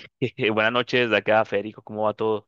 Buenas noches, de acá, Federico, ¿cómo va todo?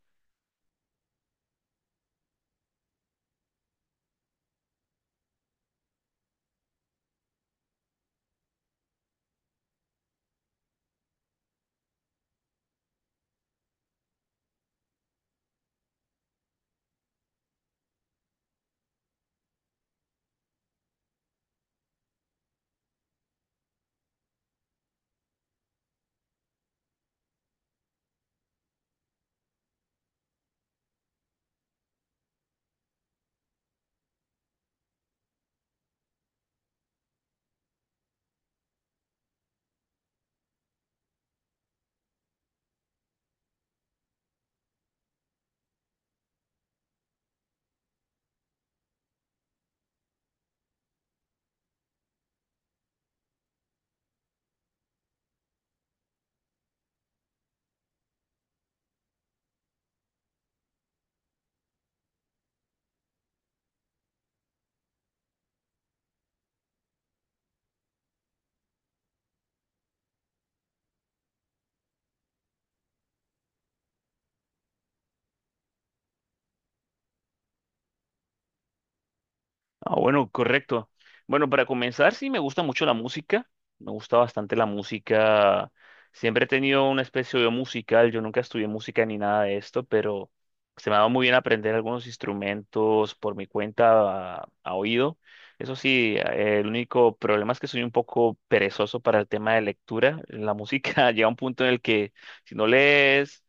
Ah, bueno, correcto. Bueno, para comenzar, sí, me gusta mucho la me gusta bastante la música. Siempre he tenido una especie de musical, yo nunca estudié música ni nada de esto, pero se me ha dado muy bien aprender algunos instrumentos por mi cuenta a oído. Eso sí, el único problema es que soy un poco perezoso para el tema de lectura. La música llega a un punto en el que si no lees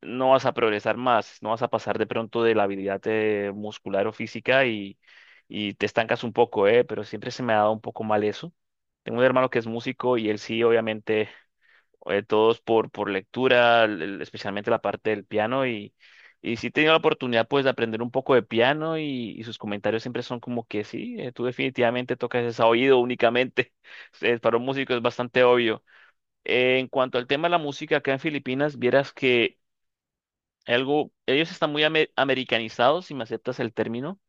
no vas a progresar más, no vas a pasar de pronto de la habilidad muscular o física y te estancas un poco, ¿eh? Pero siempre se me ha dado un poco mal eso. Tengo un hermano que es músico y él sí, obviamente, todos por lectura, especialmente la parte del piano, y sí he tenido la oportunidad pues de aprender un poco de piano y sus comentarios siempre son como que sí, tú definitivamente tocas es a oído únicamente. Para un músico es bastante obvio. En cuanto al tema de la música acá en Filipinas, vieras que algo, ellos están muy americanizados, si me aceptas el término.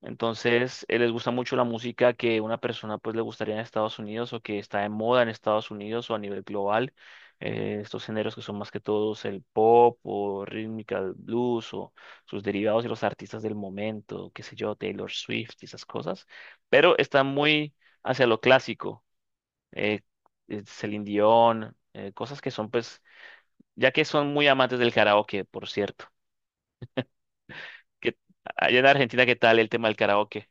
Entonces, les gusta mucho la música que una persona pues le gustaría en Estados Unidos o que está de moda en Estados Unidos o a nivel global. Estos géneros que son más que todos el pop o rítmica, el blues o sus derivados y los artistas del momento, qué sé yo, Taylor Swift y esas cosas. Pero están muy hacia lo clásico, eh, Celine Dion, cosas que son pues, ya que son muy amantes del karaoke, por cierto. ¿Qué- Allá en Argentina, ¿qué tal el tema del karaoke?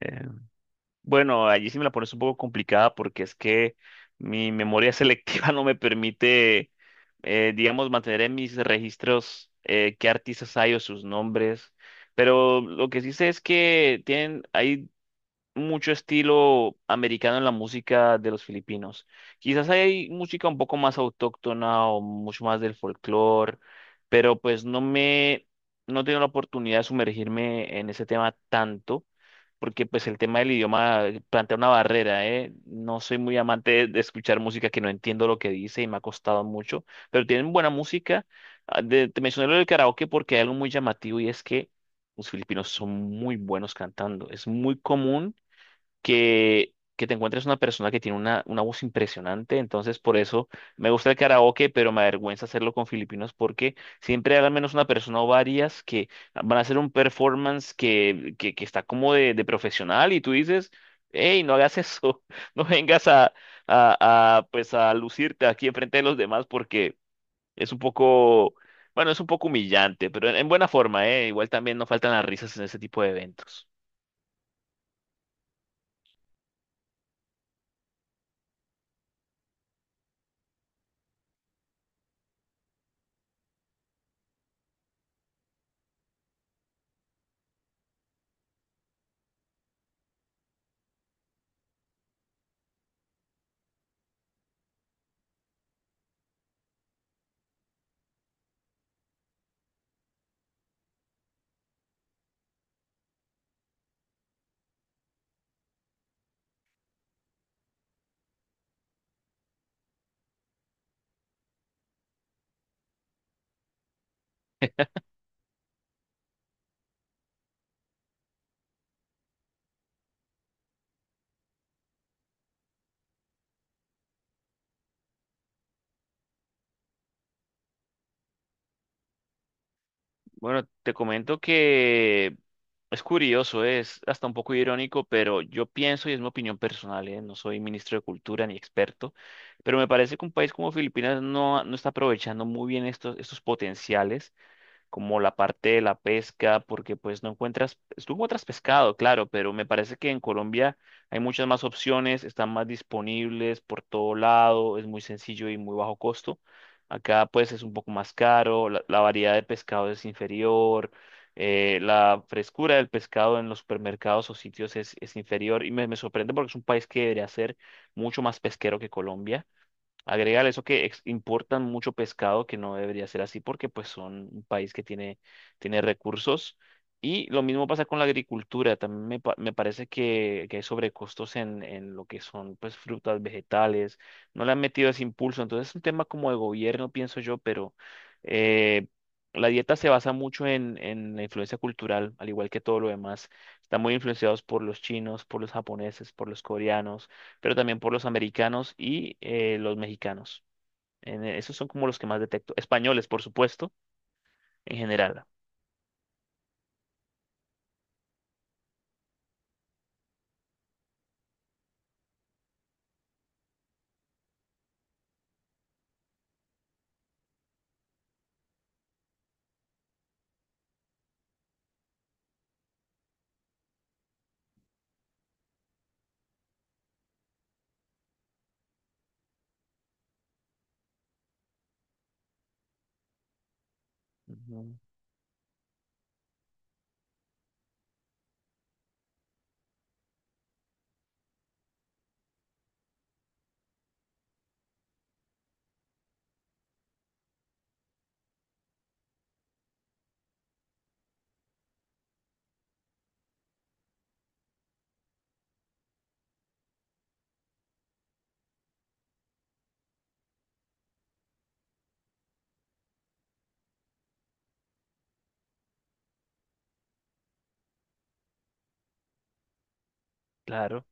Eh, bueno, allí sí me la pones un poco complicada porque es que mi memoria selectiva no me permite, digamos, mantener en mis registros qué artistas hay o sus nombres. Pero lo que sí sé es que tienen, hay mucho estilo americano en la música de los filipinos. Quizás hay música un poco más autóctona o mucho más del folclore, pero pues no no he tenido la oportunidad de sumergirme en ese tema tanto, porque pues el tema del idioma plantea una barrera, ¿eh? No soy muy amante de escuchar música que no entiendo lo que dice y me ha costado mucho, pero tienen buena música. Ah, te mencioné lo del karaoke porque hay algo muy llamativo y es que los filipinos son muy buenos cantando. Es muy común que te encuentres una persona que tiene una voz impresionante. Entonces, por eso me gusta el karaoke, pero me avergüenza hacerlo con filipinos porque siempre hay al menos una persona o varias que van a hacer un performance que está como de profesional y tú dices, hey, no hagas eso, no vengas pues a lucirte aquí enfrente de los demás porque es un poco... Bueno, es un poco humillante, pero en buena forma, ¿eh? Igual también no faltan las risas en ese tipo de eventos. Bueno, te comento que es curioso, es hasta un poco irónico, pero yo pienso, y es mi opinión personal, ¿eh? No soy ministro de Cultura ni experto, pero me parece que un país como Filipinas no está aprovechando muy bien estos potenciales como la parte de la pesca, porque pues no encuentras, tú encuentras pescado, claro, pero me parece que en Colombia hay muchas más opciones, están más disponibles por todo lado, es muy sencillo y muy bajo costo. Acá pues es un poco más caro, la variedad de pescado es inferior, la frescura del pescado en los supermercados o sitios es inferior y me sorprende porque es un país que debería ser mucho más pesquero que Colombia. Agregar eso que importan mucho pescado, que no debería ser así porque pues son un país que tiene, tiene recursos. Y lo mismo pasa con la agricultura. También me parece que hay sobrecostos en lo que son pues frutas, vegetales. No le han metido ese impulso. Entonces es un tema como de gobierno, pienso yo, pero eh, la dieta se basa mucho en la influencia cultural, al igual que todo lo demás. Están muy influenciados por los chinos, por los japoneses, por los coreanos pero también por los americanos y los mexicanos. Esos son como los que más detecto. Españoles, por supuesto, en general. Ujú. Claro,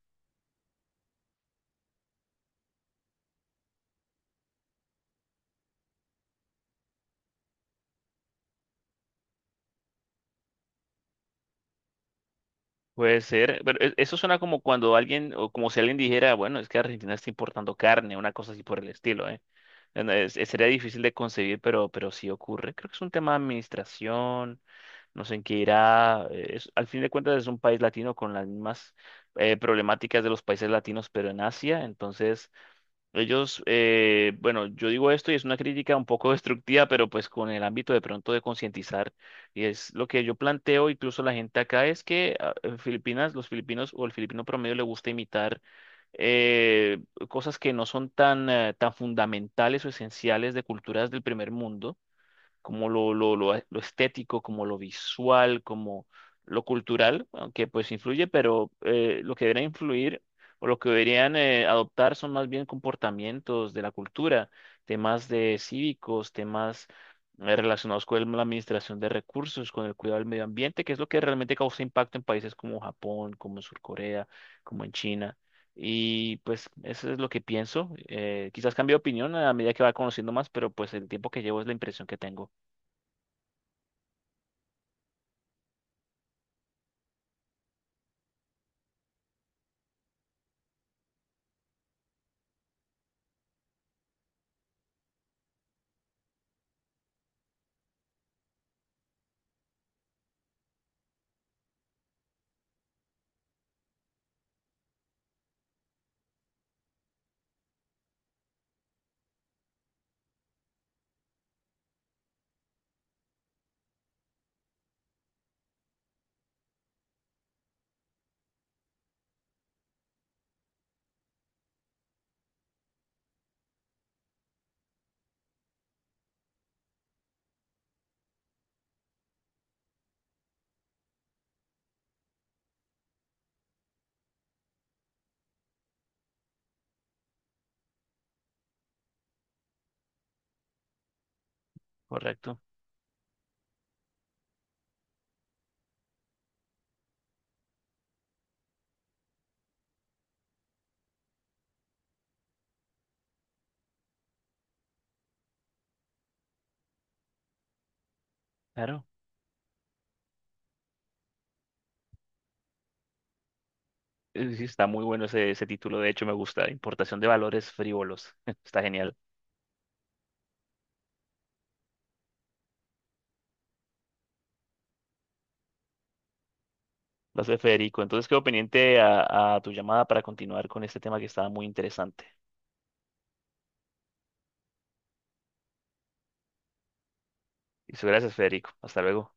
puede ser. Pero eso suena como cuando alguien, o como si alguien dijera, bueno, es que Argentina está importando carne, una cosa así por el estilo, ¿eh? No, sería difícil de concebir, pero sí ocurre. Creo que es un tema de administración, no sé en qué irá. Al fin de cuentas es un país latino con las mismas problemáticas de los países latinos, pero en Asia, entonces... Ellos, bueno, yo digo esto y es una crítica un poco destructiva, pero pues con el ámbito de pronto de concientizar. Y es lo que yo planteo, incluso la gente acá, es que ah, en Filipinas, los filipinos o el filipino promedio le gusta imitar eh, cosas que no son tan, tan fundamentales o esenciales de culturas del primer mundo como lo estético, como lo visual, como lo cultural, aunque pues influye, pero lo que debería influir o lo que deberían adoptar son más bien comportamientos de la cultura, temas de cívicos, temas relacionados con la administración de recursos, con el cuidado del medio ambiente, que es lo que realmente causa impacto en países como Japón, como en Sur Corea, como en China. Y pues eso es lo que pienso. Quizás cambie de opinión a medida que va conociendo más, pero pues el tiempo que llevo es la impresión que tengo. Correcto, claro. Sí, está muy bueno ese título, de hecho me gusta, Importación de Valores Frívolos, está genial. Gracias, Federico. Entonces quedo pendiente a tu llamada para continuar con este tema que estaba muy interesante. Y gracias, Federico. Hasta luego.